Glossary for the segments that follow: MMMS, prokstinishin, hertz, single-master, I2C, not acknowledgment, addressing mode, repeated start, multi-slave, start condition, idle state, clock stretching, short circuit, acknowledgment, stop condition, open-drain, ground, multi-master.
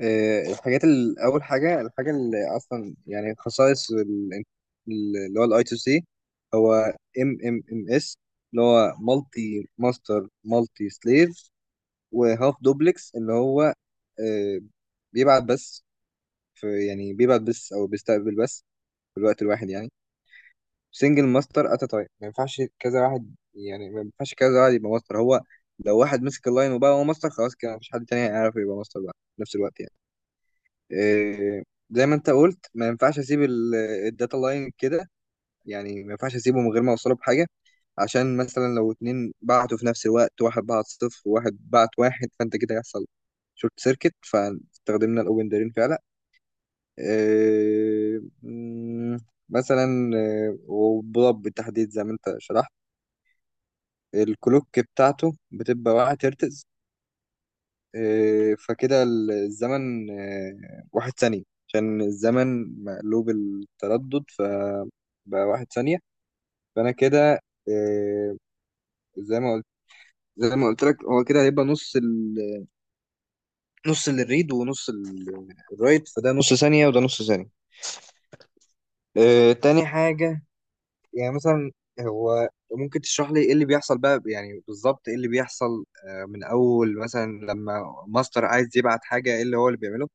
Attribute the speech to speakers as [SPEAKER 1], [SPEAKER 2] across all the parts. [SPEAKER 1] الحاجات اول حاجه الحاجه اللي اصلا يعني خصائص اللي هو الاي تو سي هو ام ام اس اللي هو مالتي ماستر مالتي سليف وهاف دوبلكس اللي هو آه، بيبعت بس، في يعني بيبعت بس او بيستقبل بس في الوقت الواحد يعني. سنجل ماستر ات تايم، ما ينفعش كذا واحد، يعني ما ينفعش كذا واحد يبقى ماستر. هو لو واحد مسك اللاين وبقى هو ماستر خلاص كده مفيش حد تاني هيعرف يبقى ماستر بقى في نفس الوقت يعني. إيه، زي ما انت قلت ما ينفعش اسيب الداتا لاين كده، يعني ما ينفعش اسيبه من غير ما اوصله بحاجه، عشان مثلا لو اتنين بعتوا في نفس الوقت واحد بعت صفر وواحد بعت واحد فانت كده هيحصل شورت سيركت، فاستخدمنا الاوبن دارين فعلا. إيه، مثلا إيه، وبضب بالتحديد زي ما انت شرحت الكلوك بتاعته بتبقى 1 هرتز. إيه، فكده الزمن إيه، واحد ثانية، عشان الزمن مقلوب التردد فبقى واحد ثانية. فأنا كده إيه، زي ما قلت، زي ما قلت لك هو كده هيبقى نص نص للريد ونص الرايت، فده نص ثانية وده نص ثانية. إيه، تاني حاجة يعني مثلا، هو ممكن تشرح لي ايه اللي بيحصل بقى، يعني بالظبط ايه اللي بيحصل من اول مثلا لما ماستر عايز يبعت حاجة ايه اللي هو اللي بيعمله؟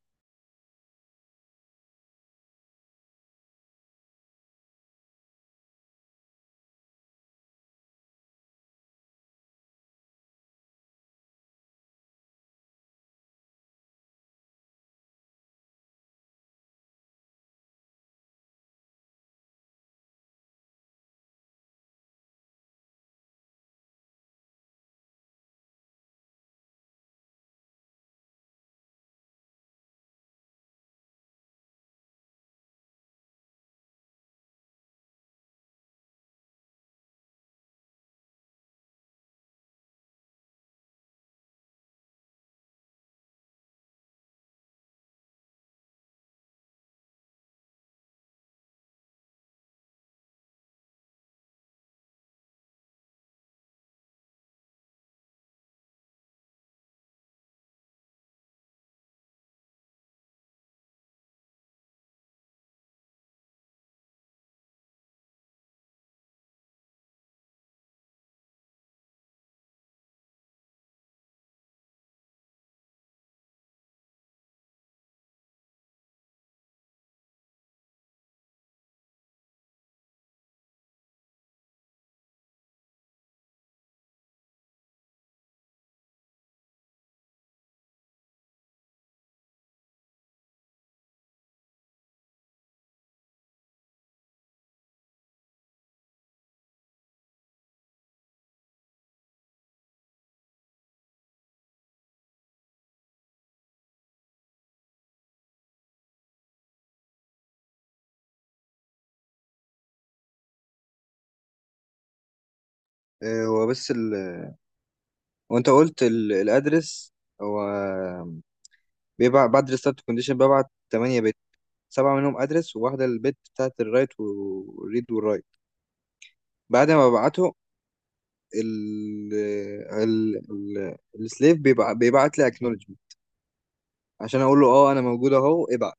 [SPEAKER 1] هو بس وانت قلت الادرس، هو بيبعت بعد الستارت كونديشن ببعت 8 بت، سبعة منهم ادرس وواحدة البت بتاعت الرايت والريد والرايت. بعد ما ببعته ال ال السليف بيبعت لي اكنولجمنت عشان اقول له اه انا موجود اهو ابعت.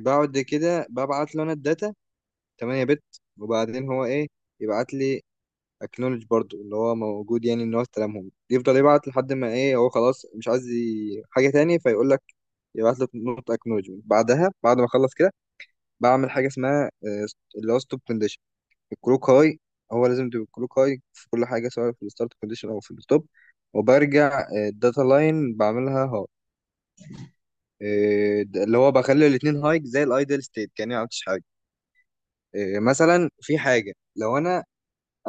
[SPEAKER 1] بعد كده ببعت له انا الداتا 8 بت، وبعدين هو ايه يبعت لي اكنولج برضو اللي هو موجود، يعني ان هو استلمهم. يفضل يبعت لحد ما ايه هو خلاص مش عايز حاجه تاني فيقول لك يبعت لك نوت اكنولجمنت. بعدها بعد ما اخلص كده بعمل حاجه اسمها اللي هو ستوب كونديشن. الكلوك هاي، هو لازم تبقى الكلوك هاي في كل حاجه سواء في الستارت كونديشن او في الستوب، وبرجع الداتا لاين بعملها هاي. اللي هو بخلي الاثنين هاي زي الايدل ستيت، كاني ما عملتش حاجه. مثلا في حاجه لو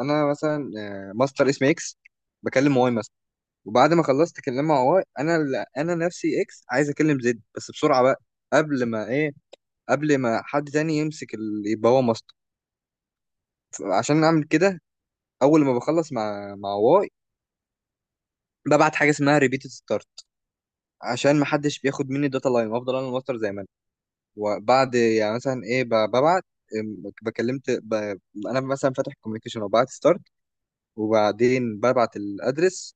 [SPEAKER 1] انا مثلا ماستر اس ام اكس بكلم واي مثلا، وبعد ما خلصت اكلمها واي انا انا نفسي اكس عايز اكلم زد، بس بسرعه بقى قبل ما ايه، قبل ما حد تاني يمسك يبقى هو ماسك. عشان اعمل كده اول ما بخلص مع واي ببعت حاجه اسمها ريبيت ستارت، عشان ما حدش بياخد مني الداتا لاين وافضل انا الماستر زي ما انا. وبعد يعني مثلا ايه ببعت أم، بكلمت ب... انا مثلا فاتح كوميونيكيشن وبعت ستارت، وبعدين ببعت الادرس،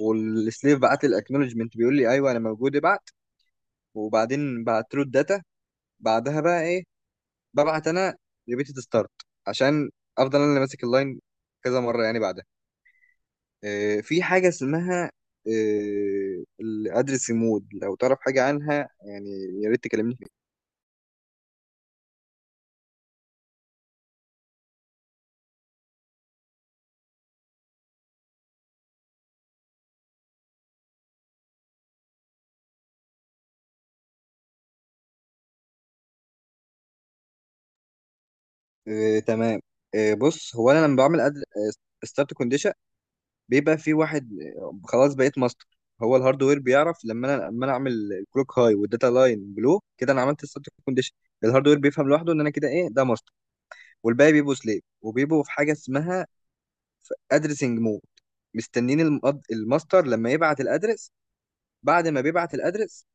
[SPEAKER 1] والسليف بعت لي الاكنولجمنت بيقول لي ايوه انا موجود ابعت، وبعدين بعت له الداتا. بعدها بقى ايه، ببعت انا ريبيتد ستارت، عشان افضل انا اللي ماسك اللاين كذا مره يعني بعدها. إيه في حاجه اسمها إيه الادرس مود، لو تعرف حاجه عنها يعني يا ريت تكلمني فيها. إيه تمام، إيه بص، هو انا لما بعمل ستارت كونديشن بيبقى في واحد، خلاص بقيت ماستر. هو الهاردوير بيعرف لما انا اعمل الكلوك هاي والداتا لاين بلو، كده انا عملت ستارت كونديشن، الهاردوير بيفهم لوحده ان انا كده ايه ده ماستر. والباقي بيبقوا سليف وبيبقوا في حاجه اسمها في ادرسنج مود، مستنين الماستر لما يبعت الادرس. بعد ما بيبعت الادرس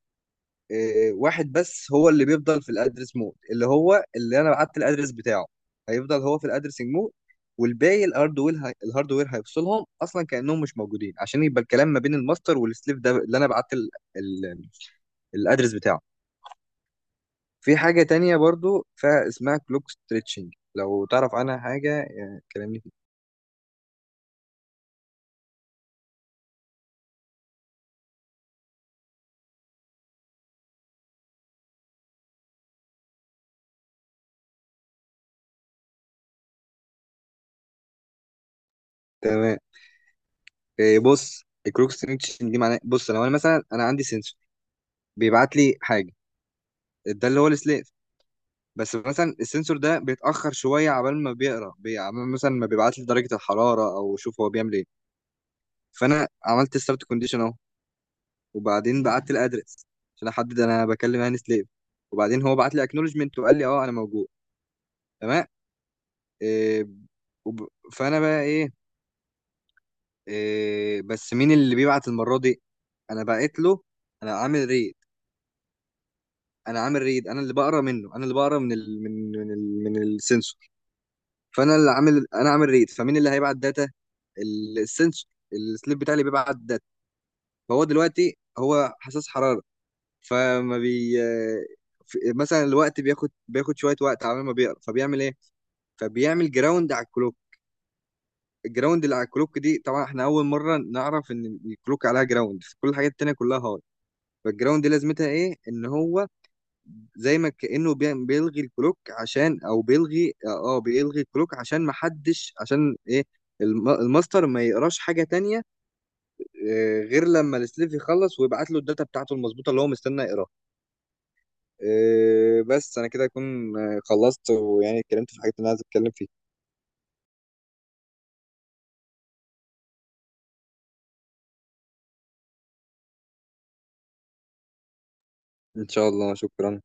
[SPEAKER 1] واحد بس هو اللي بيفضل في الادرس مود، اللي هو اللي انا بعت الادرس بتاعه، هيفضل هو في الادرسنج مود. والباقي الهاردوير الهاردوير هيفصلهم اصلا كانهم مش موجودين، عشان يبقى الكلام ما بين الماستر والسليف ده اللي انا بعت ال... الادرس بتاعه. في حاجه تانية برضو فاسمها كلوك ستريتشنج، لو تعرف عنها حاجه يعني كلمني فيها. تمام إيه، بص البروكستينيشن دي معناه بص، لو انا مثلا انا عندي سنسور بيبعت لي حاجه، ده اللي هو السليف. بس مثلا السنسور ده بيتاخر شويه عبال ما بيقرا عبال مثلا ما بيبعت لي درجه الحراره، او شوف هو بيعمل ايه. فانا عملت ستارت كونديشن اهو، وبعدين بعت الادرس عشان احدد انا بكلم هاني سليف، وبعدين هو بعت لي اكنولجمنت وقال لي اه انا موجود. تمام إيه فانا بقى ايه، إيه بس مين اللي بيبعت المره دي؟ انا بعت له، انا عامل ريت، انا عامل ريد، انا اللي بقرا منه، انا اللي بقرا من ال من السنسور. فانا اللي عامل، انا عامل ريد، فمين اللي هيبعت داتا؟ السنسور السليب بتاعي اللي بيبعت داتا. فهو دلوقتي هو حساس حراره فما بي مثلا الوقت بياخد بياخد شويه وقت على ما بيقرا فبيعمل ايه؟ فبيعمل جراوند على الكلوك. الجراوند اللي على الكلوك دي طبعا احنا اول مره نعرف ان الكلوك عليها جراوند، كل الحاجات التانيه كلها هارد. فالجراوند دي لازمتها ايه؟ ان هو زي ما كأنه بيلغي الكلوك عشان، او بيلغي بيلغي الكلوك عشان ما حدش، عشان ايه الماستر ما يقراش حاجة تانية غير لما السليف يخلص ويبعت له الداتا بتاعته المظبوطة اللي هو مستني يقراها. بس انا كده اكون خلصت، ويعني اتكلمت في الحاجات اللي انا عايز اتكلم فيها. ان شاء الله شكرا.